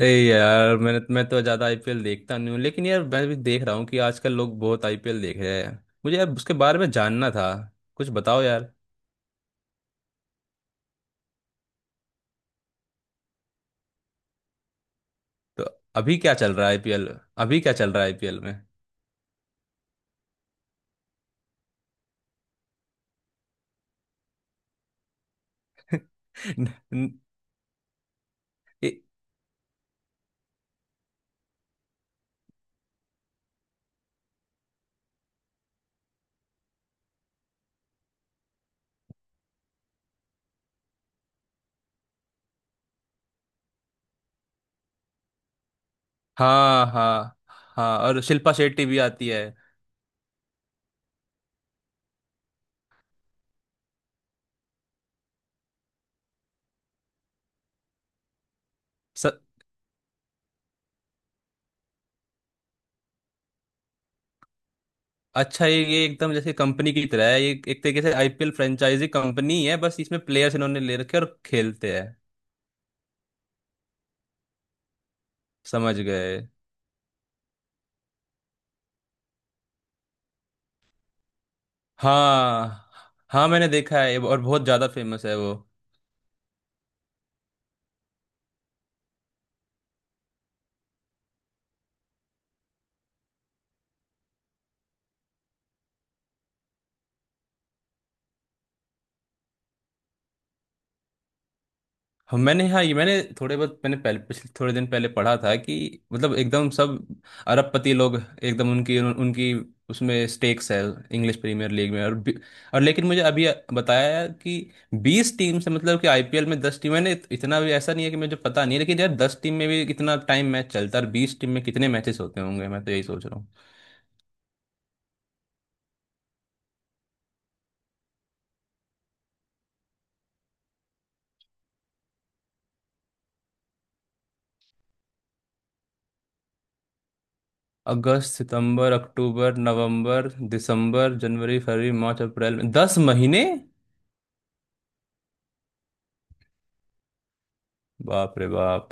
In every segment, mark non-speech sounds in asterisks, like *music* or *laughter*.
नहीं यार मैं तो ज़्यादा आईपीएल देखता नहीं हूँ लेकिन यार मैं भी देख रहा हूँ कि आजकल लोग बहुत आईपीएल देख रहे हैं। मुझे यार उसके बारे में जानना था। कुछ बताओ यार। तो अभी क्या चल रहा है आईपीएल अभी क्या चल रहा है आईपीएल में। *laughs* न, न। ए, हाँ हाँ। हाँ और शिल्पा शेट्टी भी आती है। स, अच्छा, ये एकदम जैसे कंपनी की तरह है, ये एक तरीके से आईपीएल फ्रेंचाइजी कंपनी है, बस इसमें प्लेयर्स इन्होंने ले रखे हैं और खेलते हैं। समझ गए। हाँ हाँ, मैंने देखा है और बहुत ज़्यादा फेमस है वो। हम मैंने हाँ, ये मैंने थोड़े बहुत मैंने पहले पिछले थोड़े दिन पहले पढ़ा था कि मतलब एकदम सब अरबपति लोग एकदम उनकी उनकी उसमें स्टेक्स है इंग्लिश प्रीमियर लीग में, और और लेकिन मुझे अभी बताया कि 20 टीम से, मतलब कि आईपीएल में 10 टीम, मैंने इतना भी ऐसा नहीं है कि मुझे पता नहीं है, लेकिन यार 10 टीम में भी कितना टाइम मैच चलता है और 20 टीम में कितने मैचेस होते होंगे, मैं तो यही सोच रहा। अगस्त, सितंबर, अक्टूबर, नवंबर, दिसंबर, जनवरी, फरवरी, मार्च, अप्रैल, में 10 महीने। बाप रे बाप।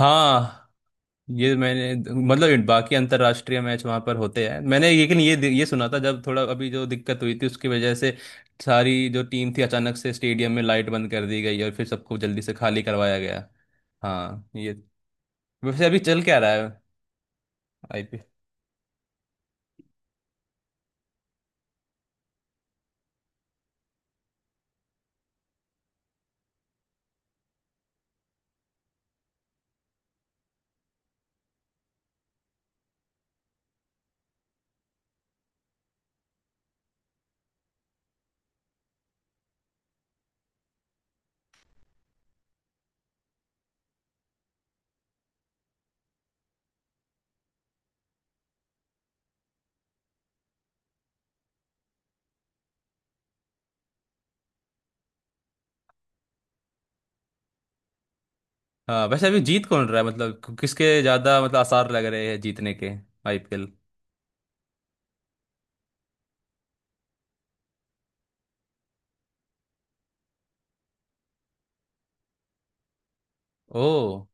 हाँ ये मैंने, मतलब बाकी अंतर्राष्ट्रीय मैच वहां पर होते हैं मैंने, लेकिन ये सुना था जब थोड़ा अभी जो दिक्कत हुई थी उसकी वजह से सारी जो टीम थी अचानक से स्टेडियम में लाइट बंद कर दी गई और फिर सबको जल्दी से खाली करवाया गया। हाँ ये, वैसे अभी चल क्या रहा है आईपीएल। हाँ वैसे अभी जीत कौन रहा है, मतलब किसके ज्यादा मतलब आसार लग रहे हैं जीतने के, आईपीएल। ओ।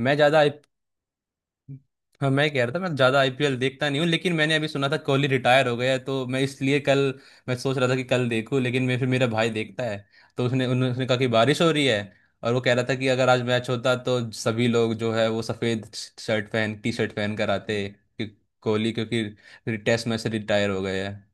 मैं ज्यादा आई हाँ, मैं कह रहा था मैं ज्यादा आईपीएल देखता नहीं हूँ, लेकिन मैंने अभी सुना था कोहली रिटायर हो गया है, तो मैं इसलिए कल मैं सोच रहा था कि कल देखूँ, लेकिन मैं फिर, मेरा भाई देखता है, तो उसने कहा कि बारिश हो रही है। और वो कह रहा था कि अगर आज मैच होता तो सभी लोग जो है वो सफेद शर्ट पहन, टी शर्ट पहन कर आते कि कोहली क्योंकि फिर टेस्ट मैच से रिटायर हो गए हैं।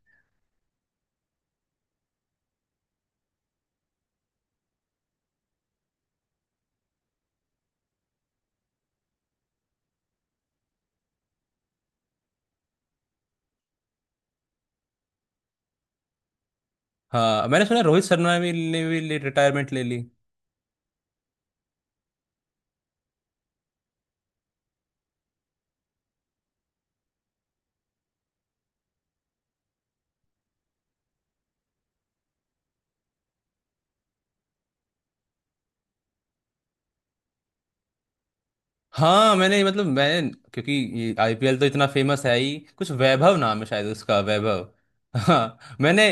हाँ मैंने सुना, रोहित शर्मा ने भी रिटायरमेंट ले ली। हाँ मैंने, मतलब मैं क्योंकि ये आईपीएल तो इतना फेमस है ही, कुछ वैभव नाम है शायद उसका, वैभव। हाँ मैंने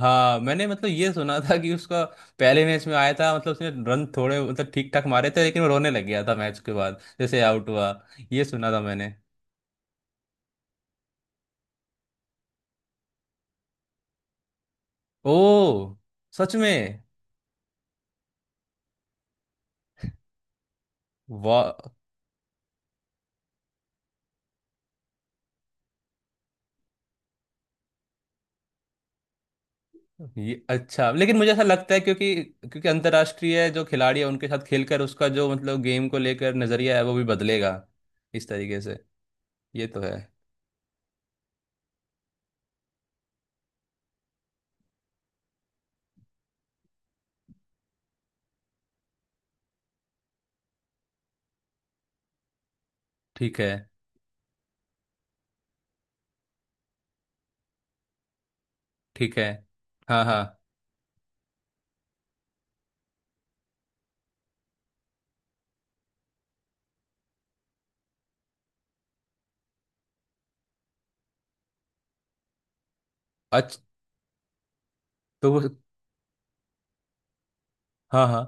हाँ मैंने मतलब ये सुना था कि उसका पहले मैच में आया था मतलब उसने रन थोड़े मतलब ठीक ठाक मारे थे लेकिन वो रोने लग गया था मैच के बाद जैसे आउट हुआ। ये सुना था मैंने। ओ, सच में। वाह। ये अच्छा, लेकिन मुझे ऐसा लगता है क्योंकि क्योंकि अंतर्राष्ट्रीय जो खिलाड़ी है उनके साथ खेलकर उसका जो मतलब गेम को लेकर नजरिया है वो भी बदलेगा, इस तरीके से। ये तो है। ठीक है, ठीक है। हाँ हाँ, अच्छा। तो वो। हाँ हाँ,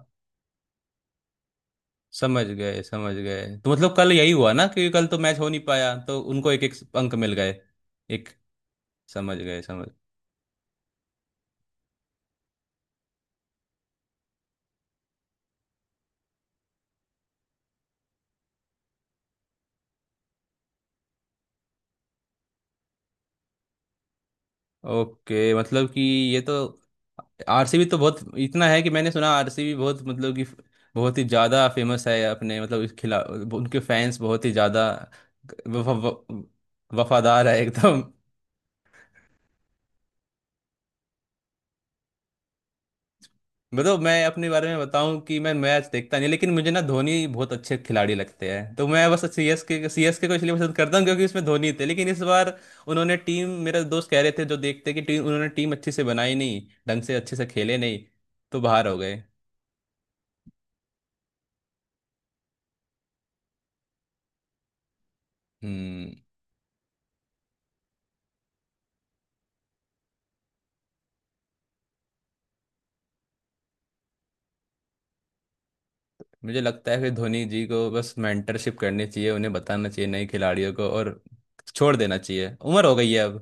समझ गए समझ गए, तो मतलब कल यही हुआ ना कि कल तो मैच हो नहीं पाया तो उनको एक एक अंक मिल गए। एक। समझ गए, समझ। ओके, मतलब कि ये तो आरसीबी तो बहुत, इतना है कि मैंने सुना आरसीबी बहुत मतलब कि बहुत ही ज़्यादा फेमस है, अपने मतलब इस खिला, उनके फैंस बहुत ही ज़्यादा वफादार है एकदम। मतलब मैं अपने बारे में बताऊं, कि मैं मैच देखता नहीं, लेकिन मुझे ना धोनी बहुत अच्छे खिलाड़ी लगते हैं, तो मैं बस सीएसके सीएसके को इसलिए पसंद करता हूं क्योंकि उसमें धोनी थे, लेकिन इस बार उन्होंने टीम, मेरे दोस्त कह रहे थे जो देखते कि टीम, उन्होंने टीम अच्छी से बनाई नहीं, ढंग से अच्छे से खेले नहीं, तो बाहर हो गए। हम्म। मुझे लगता है कि धोनी जी को बस मेंटरशिप करनी चाहिए, उन्हें बताना चाहिए नए खिलाड़ियों को, और छोड़ देना चाहिए, उम्र हो गई है अब।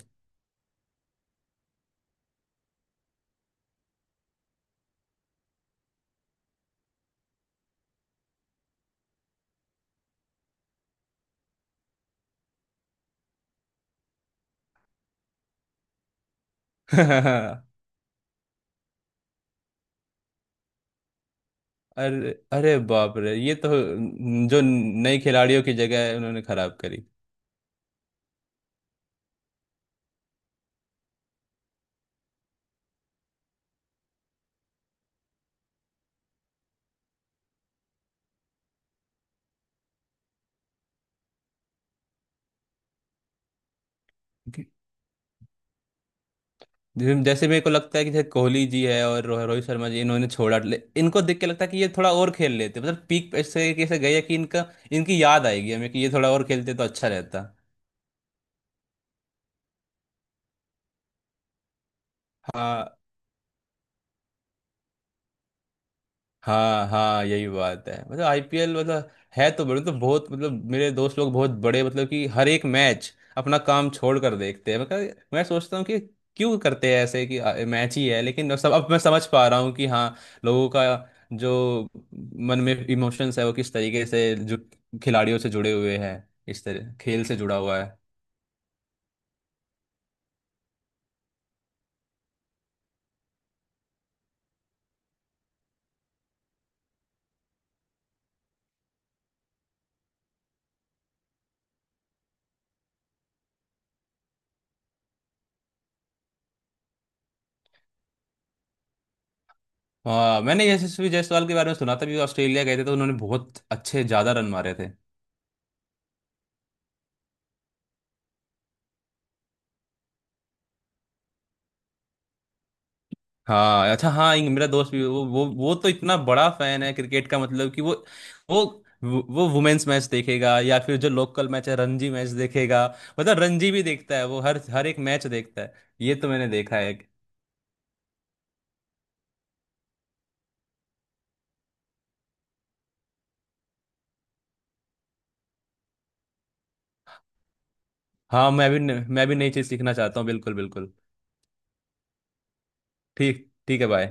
*laughs* अरे अरे बाप रे, ये तो जो नई खिलाड़ियों की जगह है उन्होंने खराब करी। Okay। जैसे जैसे मेरे को लगता है कि जैसे कोहली जी है और रोहित शर्मा जी, इन्होंने छोड़ा, इनको देख के लगता है कि ये थोड़ा और खेल लेते, मतलब पीक ऐसे कैसे गए कि इनका इनकी याद आएगी हमें, कि ये थोड़ा और खेलते तो अच्छा रहता। हाँ हाँ हाँ, यही बात है, मतलब आईपीएल मतलब है तो बड़े, तो बहुत मतलब मेरे दोस्त लोग बहुत बड़े, मतलब कि हर एक मैच अपना काम छोड़ कर देखते हैं, मतलब मैं सोचता हूँ कि क्यों करते हैं ऐसे, कि मैच ही है, लेकिन सब अब मैं समझ पा रहा हूँ कि हाँ, लोगों का जो मन में इमोशंस है वो किस तरीके से जो खिलाड़ियों से जुड़े हुए हैं, इस तरह खेल से जुड़ा हुआ है। हाँ मैंने यशस्वी जायसवाल के बारे में सुना था कि वो ऑस्ट्रेलिया गए थे तो उन्होंने बहुत अच्छे, ज़्यादा रन मारे थे। हाँ अच्छा, हाँ, मेरा दोस्त भी, वो तो इतना बड़ा फैन है क्रिकेट का, मतलब कि वो वो वुमेन्स मैच देखेगा या फिर जो लोकल मैच है, रणजी मैच देखेगा। मतलब रणजी भी देखता है, वो हर हर एक मैच देखता है। ये तो मैंने देखा है। हाँ मैं भी मैं भी नई चीज़ सीखना चाहता हूँ, बिल्कुल बिल्कुल। ठीक, ठीक है भाई।